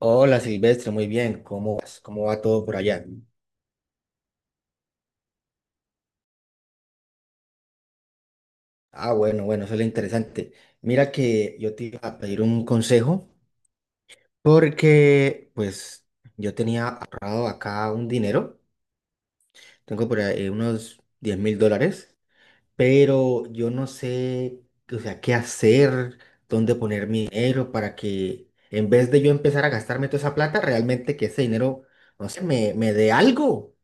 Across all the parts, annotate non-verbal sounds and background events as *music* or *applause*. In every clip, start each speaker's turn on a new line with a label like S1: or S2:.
S1: Hola Silvestre, muy bien. ¿Cómo vas? ¿Cómo va todo por allá? Ah, bueno, bueno, eso es lo interesante. Mira que yo te iba a pedir un consejo porque pues yo tenía ahorrado acá un dinero, tengo por ahí unos $10.000, pero yo no sé, o sea, qué hacer, dónde poner mi dinero para que en vez de yo empezar a gastarme toda esa plata, realmente que ese dinero, no sé, me dé algo.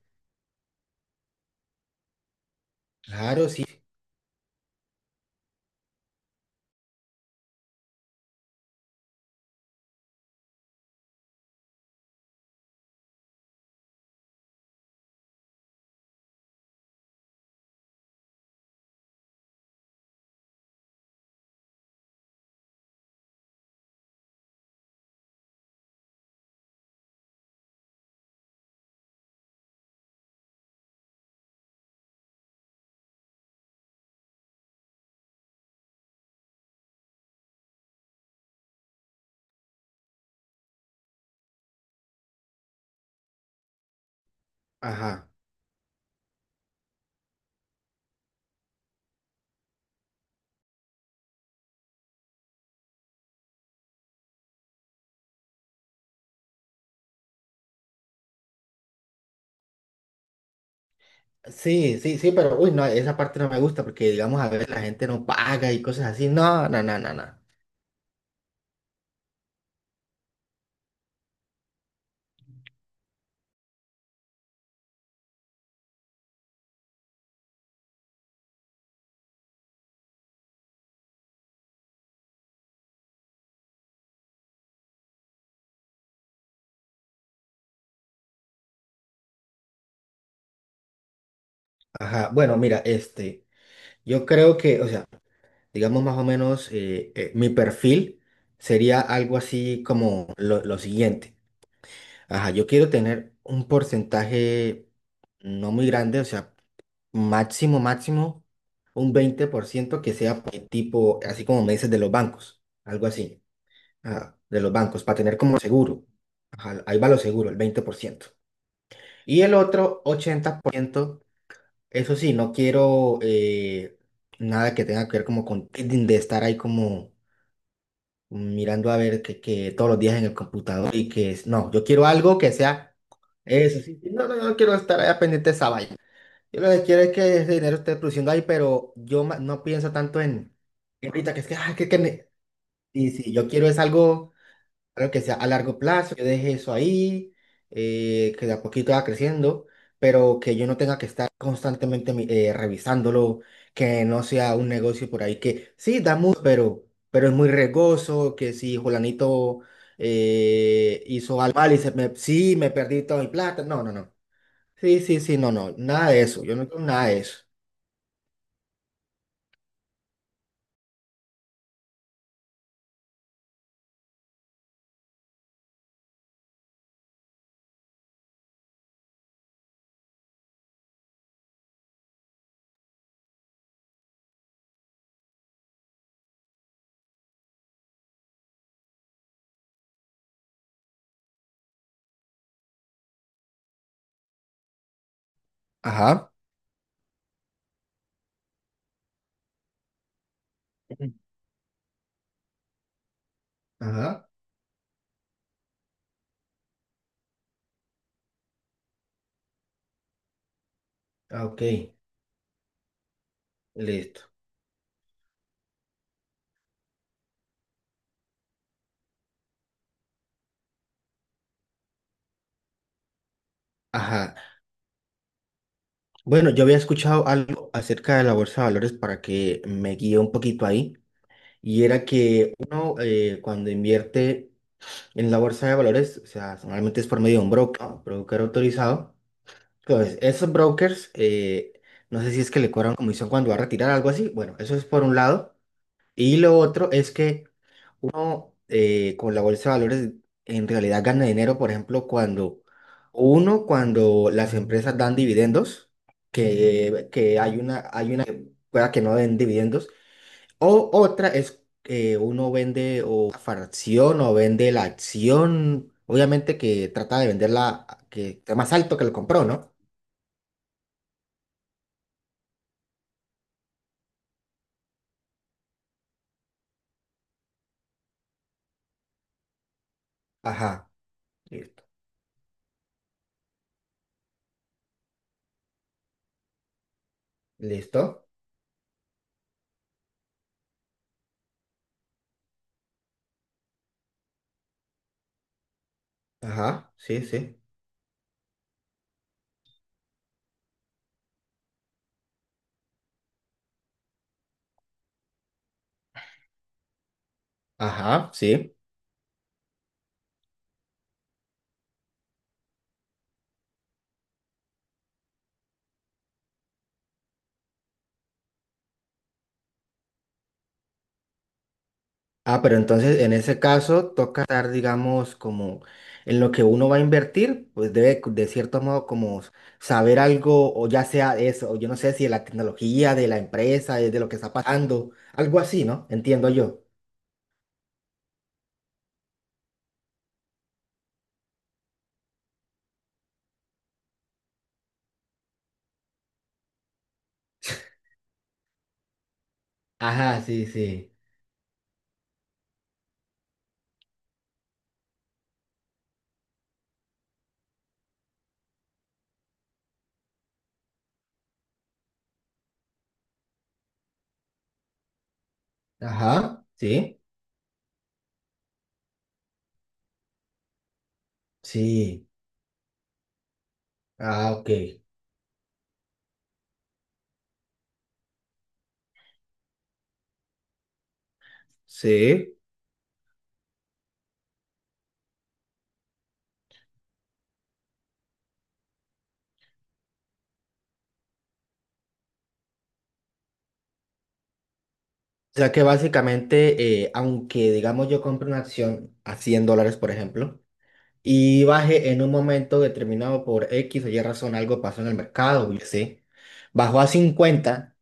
S1: Claro, sí. Ajá. Sí, sí, sí, pero uy, no, esa parte no me gusta porque, digamos, a veces la gente no paga y cosas así. No, no, no, no, no. Ajá, bueno, mira, este, yo creo que, o sea, digamos más o menos, mi perfil sería algo así como lo siguiente. Ajá, yo quiero tener un porcentaje no muy grande, o sea, máximo, máximo, un 20% que sea tipo, así como me dices, de los bancos, algo así. Ah, de los bancos para tener como seguro. Ajá, ahí va lo seguro, el 20%. Y el otro 80%, eso sí, no quiero nada que tenga que ver como con trading, de estar ahí como mirando a ver que todos los días en el computador y que es, no, yo quiero algo que sea eso, sí, sí, no, no, no quiero estar ahí pendiente de esa vaina. Yo lo que quiero es que ese dinero esté produciendo ahí, pero yo no pienso tanto en ahorita que es que, ay, sí, sí, yo quiero es algo claro que sea a largo plazo, yo deje eso ahí, que de a poquito va creciendo, pero que yo no tenga que estar constantemente revisándolo, que no sea un negocio por ahí que sí da mucho, pero es muy regoso, que si Julanito hizo algo mal y sí, me perdí toda mi plata, no, no, no. Sí, sí, sí, no, no, nada de eso, yo no quiero nada de eso. Ajá. Ujú. Ajá, ah, ok, listo. Ajá. Bueno, yo había escuchado algo acerca de la bolsa de valores para que me guíe un poquito ahí, y era que uno cuando invierte en la bolsa de valores, o sea, normalmente es por medio de un broker autorizado. Entonces, esos brokers, no sé si es que le cobran comisión cuando va a retirar algo así. Bueno, eso es por un lado. Y lo otro es que uno con la bolsa de valores en realidad gana dinero, por ejemplo, cuando cuando las empresas dan dividendos, que hay una que pueda que no den dividendos, o otra es que uno vende o una fracción o vende la acción, obviamente que trata de venderla que esté más alto que lo compró, ¿no? Ajá, listo. ¿Listo? Ajá, sí, sí. Ajá, sí. Ah, pero entonces en ese caso toca estar, digamos, como en lo que uno va a invertir, pues debe de cierto modo como saber algo, o ya sea eso, o yo no sé si de la tecnología, de la empresa, de lo que está pasando, algo así, ¿no? Entiendo yo. Ajá, sí, sí. Ajá, sí, sí. Ah, ok. Sí. O sea que básicamente, aunque digamos yo compre una acción a $100, por ejemplo, y baje en un momento determinado por X o Y razón, algo pasó en el mercado, yo sé, bajó a 50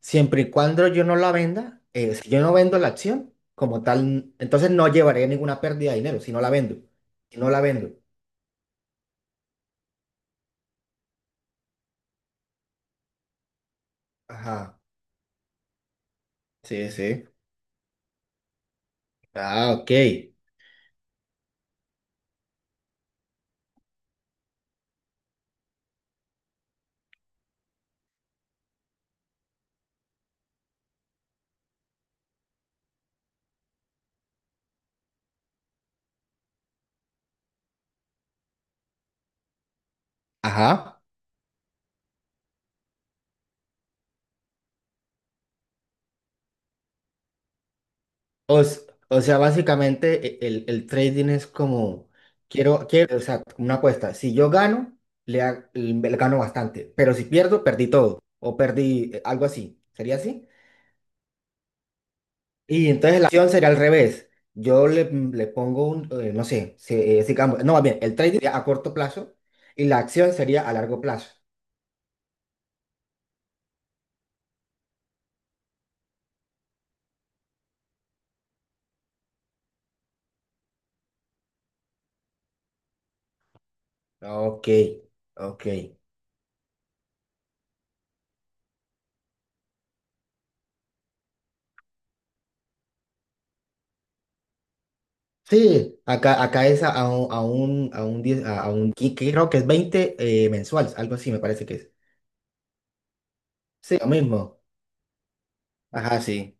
S1: siempre y cuando yo no la venda, si yo no vendo la acción como tal, entonces no llevaré ninguna pérdida de dinero si no la vendo, si no la vendo. Ajá, sí, sí. Ah, ok. Ajá. O, s- o sea, básicamente el trading es como, quiero, o sea, una apuesta. Si yo gano, le gano bastante, pero si pierdo, perdí todo, o perdí algo así. ¿Sería así? Y entonces la acción sería al revés. Yo le pongo un, no sé, si, no, más bien, el trading sería a corto plazo y la acción sería a largo plazo. Ok, ok. Sí, acá es a un 10 a un, creo que es 20 mensuales, algo así me parece que es. Sí, lo mismo. Ajá, sí.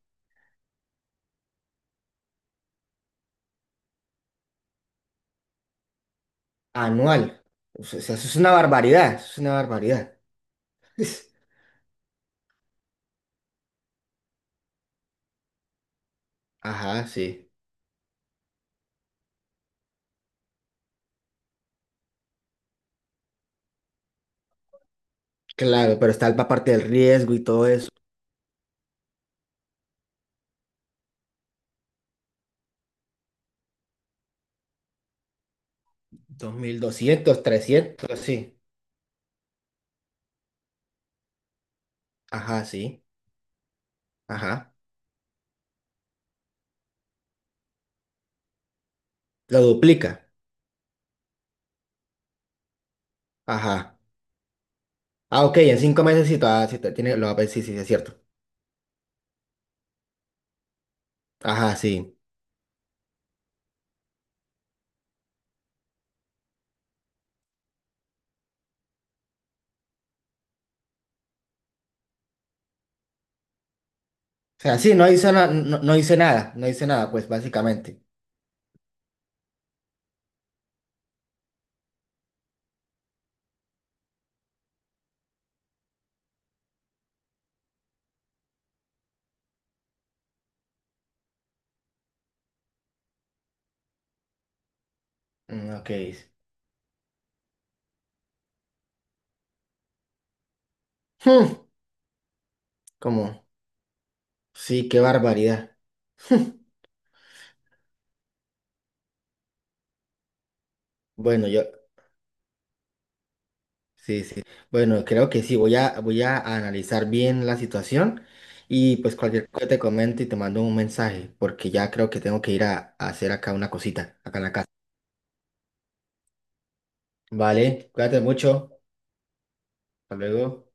S1: Anual. O sea, eso es una barbaridad, eso es una barbaridad. *laughs* Ajá, sí. Claro, pero está la parte del riesgo y todo eso. 2.200 300 sí. Ajá, sí. Ajá. Lo duplica. Ajá. Ah, ok, en 5 meses sí, sí, lo va a ver, sí, sí, sí, es cierto. Ajá, sí. O sea, sí, no, no hice nada, no hice nada, pues básicamente. Mm, ok. Hmm, Como, sí, qué barbaridad. *laughs* Bueno, sí, sí. Bueno, creo que sí. Voy a analizar bien la situación y pues cualquier cosa te comento y te mando un mensaje porque ya creo que tengo que ir a hacer acá una cosita, acá en la casa. Vale, cuídate mucho. Hasta luego.